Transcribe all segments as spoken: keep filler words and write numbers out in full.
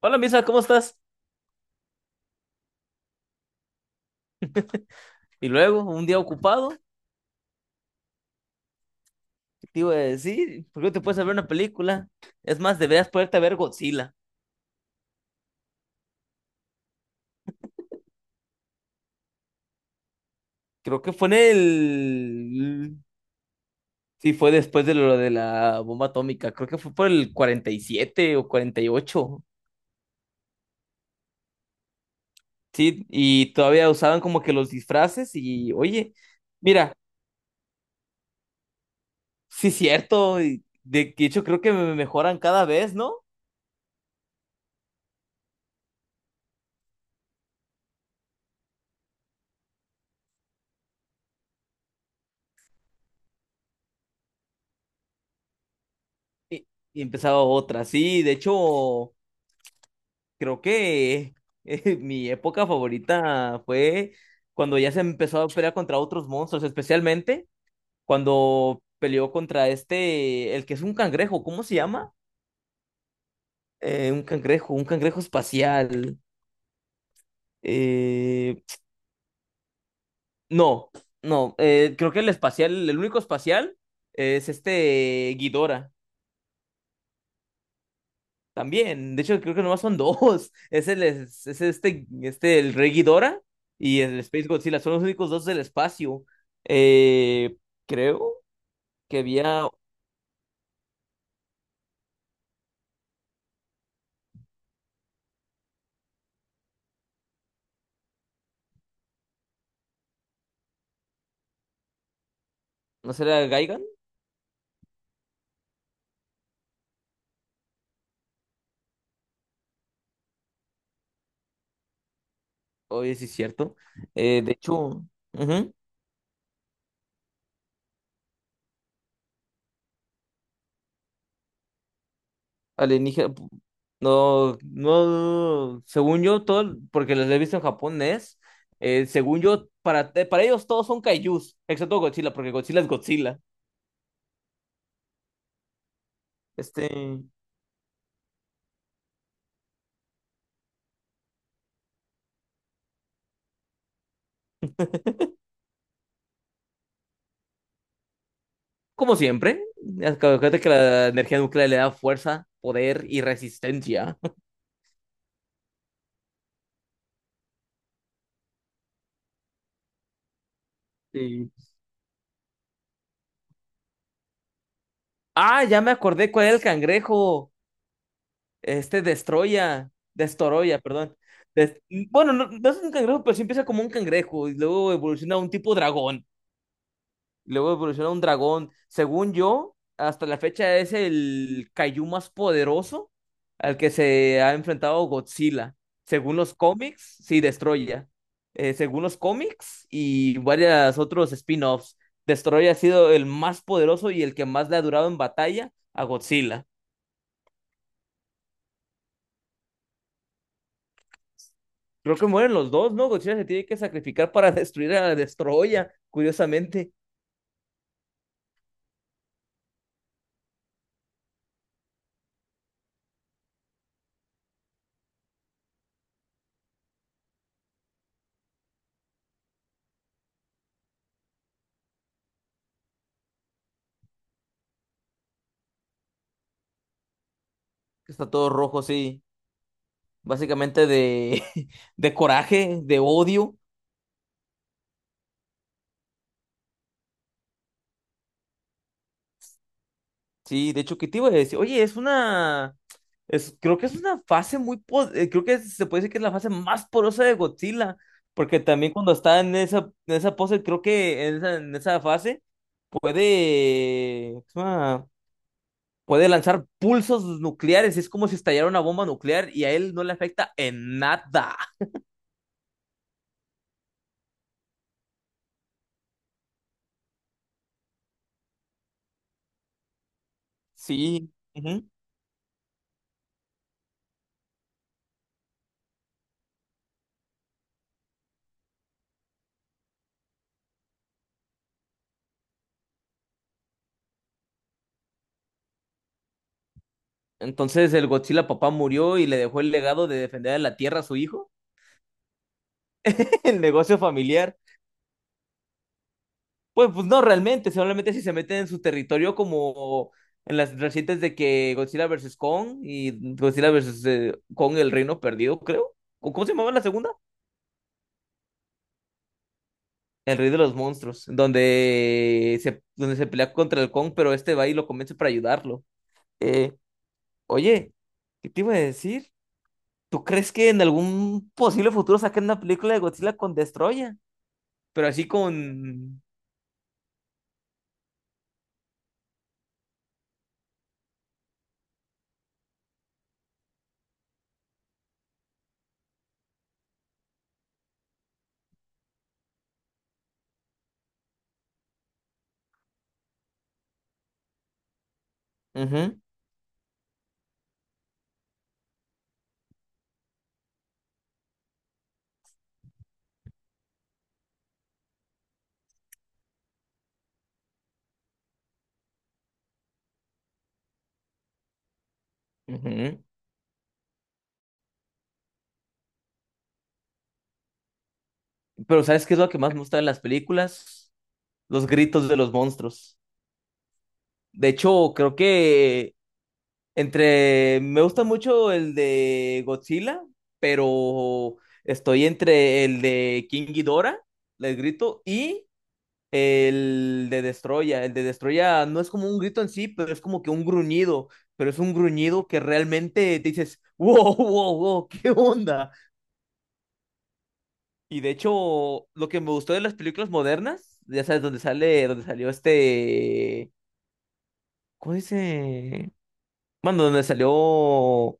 Hola, Misa, ¿cómo estás? Y luego, un día ocupado, ¿qué te iba a decir? ¿Por qué no te puedes ver una película? Es más, deberías poderte ver Godzilla. Creo que fue en el... Sí, fue después de lo de la bomba atómica. Creo que fue por el cuarenta y siete o cuarenta y ocho. Sí, y todavía usaban como que los disfraces y, oye, mira, sí es cierto. Y de de hecho, creo que me mejoran cada vez, ¿no? Y, y empezaba otra. Sí, de hecho... creo que eh, mi época favorita fue cuando ya se empezó a pelear contra otros monstruos, especialmente cuando peleó contra este, el que es un cangrejo, ¿cómo se llama? Eh, un cangrejo, un cangrejo espacial. Eh, no, no, eh, creo que el espacial, el único espacial es este Ghidorah. También, de hecho, creo que nomás son dos. Es el es, es este, este, el Rey Ghidorah y el Space Godzilla. Son los únicos dos del espacio. Eh, creo que había, ¿no será Gaigan? Oye, sí es cierto. Eh, de hecho, ujú, alienígena. No, no, según yo, todo, porque los he visto en japonés. Eh, según yo, para, eh, para ellos todos son kaijus, excepto Godzilla, porque Godzilla es Godzilla. Este. Como siempre, acuérdate que la energía nuclear le da fuerza, poder y resistencia. Sí. Ah, ya me acordé cuál era el cangrejo. Este Destroya, Destoroya, perdón. Des- Bueno, no, no es un cangrejo, pero sí empieza como un cangrejo y luego evoluciona a un tipo dragón. Luego evoluciona un dragón. Según yo, hasta la fecha es el Kaiju más poderoso al que se ha enfrentado Godzilla. Según los cómics, sí, Destroya. Eh, según los cómics y varios otros spin-offs, Destroya ha sido el más poderoso y el que más le ha durado en batalla a Godzilla. Creo que mueren los dos, ¿no? Godzilla se tiene que sacrificar para destruir a Destroya, curiosamente. Está todo rojo, sí. Básicamente de, de coraje, de odio. Sí, de hecho, ¿qué te iba a decir? Oye, es una... Es, creo que es una fase muy... po- eh, Creo que se puede decir que es la fase más porosa de Godzilla, porque también cuando está en esa, en esa pose, creo que en esa, en esa fase puede... ¿cómo se llama? Puede lanzar pulsos nucleares, es como si estallara una bomba nuclear y a él no le afecta en nada. Sí. Ujú. Entonces el Godzilla papá murió y le dejó el legado de defender a la Tierra a su hijo, el negocio familiar. Pues, pues no realmente, solamente si se meten en su territorio como en las recientes de que Godzilla versus Kong y Godzilla versus eh, Kong el Reino Perdido, creo. ¿O ¿Cómo se llamaba la segunda? El Rey de los Monstruos, donde se, donde se pelea contra el Kong, pero este va y lo convence para ayudarlo. Eh, oye, ¿qué te iba a decir? ¿Tú crees que en algún posible futuro saquen una película de Godzilla con Destroya? Pero así con... Ujú, ujú. Pero ¿sabes qué es lo que más me gusta de las películas? Los gritos de los monstruos. De hecho, creo que entre... Me gusta mucho el de Godzilla, pero estoy entre el de King Ghidorah, el grito, y el de Destroya. El de Destroya no es como un grito en sí, pero es como que un gruñido. Pero es un gruñido que realmente te dices, wow, wow, wow, ¿qué onda? Y de hecho, lo que me gustó de las películas modernas, ya sabes, dónde sale, dónde salió este... ¿Cómo dice? Bueno, donde salió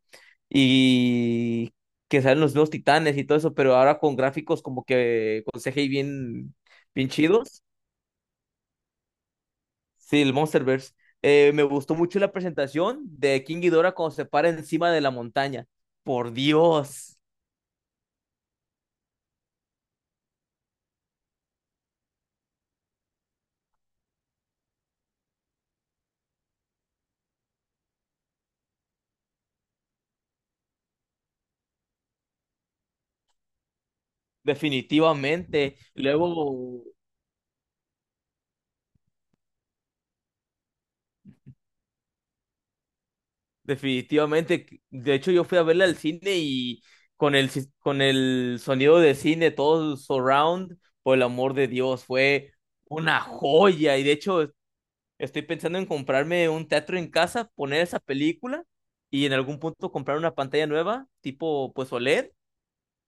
y que salen los nuevos titanes y todo eso, pero ahora con gráficos como que con C G I bien, bien chidos. Sí, el Monsterverse. Eh, me gustó mucho la presentación de King Ghidorah cuando se para encima de la montaña. Por Dios, definitivamente. Luego definitivamente, de hecho yo fui a verla al cine y con el, sis- con el sonido de cine, todo surround, por el amor de Dios, fue una joya y de hecho estoy pensando en comprarme un teatro en casa, poner esa película y en algún punto comprar una pantalla nueva, tipo pues OLED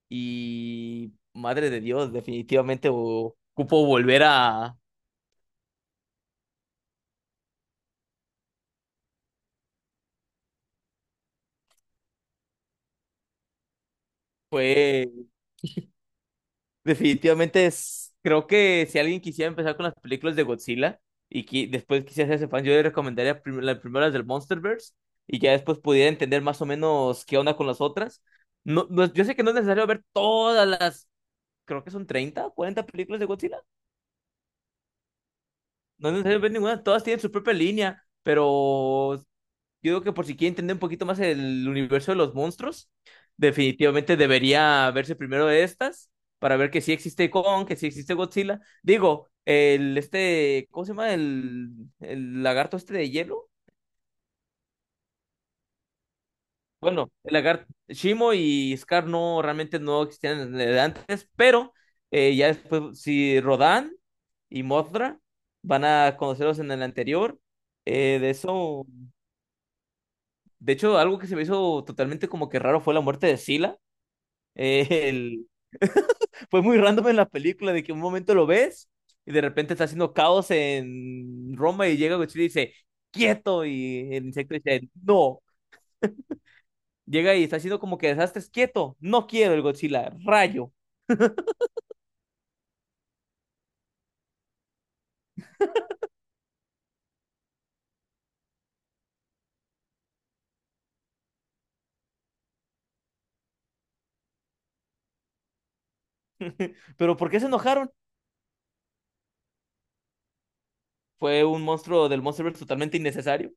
y madre de Dios, definitivamente o- ocupo volver a... Definitivamente es, creo que si alguien quisiera empezar con las películas de Godzilla y qui- después quisiera hacerse fan, yo le recomendaría prim- las primeras del Monsterverse y ya después pudiera entender más o menos qué onda con las otras. No, no es- yo sé que no es necesario ver todas las, creo que son treinta cuarenta películas de Godzilla. No es necesario ver ninguna, todas tienen su propia línea, pero yo creo que por si quiere entender un poquito más el universo de los monstruos, definitivamente debería verse primero de estas para ver que sí existe Kong, que sí existe Godzilla. Digo, el este, ¿cómo se llama? El, el lagarto este de hielo. Bueno, el lagarto Shimo y Scar no realmente no existían desde antes, pero eh, ya después si Rodan y Mothra van a conocerlos en el anterior. Eh, de eso, de hecho, algo que se me hizo totalmente como que raro fue la muerte de Sila. El... fue muy random en la película de que un momento lo ves y de repente está haciendo caos en Roma y llega Godzilla y dice, quieto, y el insecto dice, no. Llega y está haciendo como que desastres, quieto, no quiero el Godzilla, rayo. Pero ¿por qué se enojaron? Fue un monstruo del Monsterverse totalmente innecesario.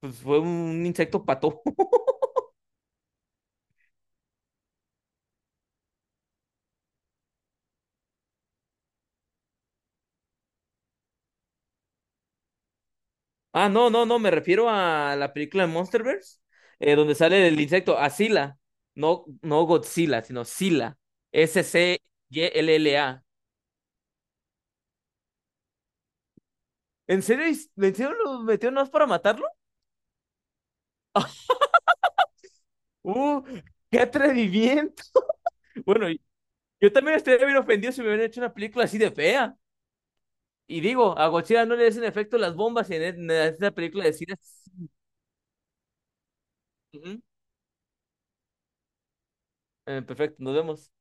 Pues fue un insecto pato. Ah, no, no, no, me refiero a la película de Monsterverse, eh, donde sale el insecto, Asila, no, no Godzilla, sino Sila, S C Y L L A. S C Y L L A. ¿En serio, en serio lo metió nomás para matarlo? ¡Uh! ¡Qué atrevimiento! Bueno, yo también estaría bien ofendido si me hubieran hecho una película así de fea. Y digo, a Godzilla no le hacen efecto las bombas y en, e-, en esta película de Sila. Sí, ujú. Eh, perfecto, nos vemos.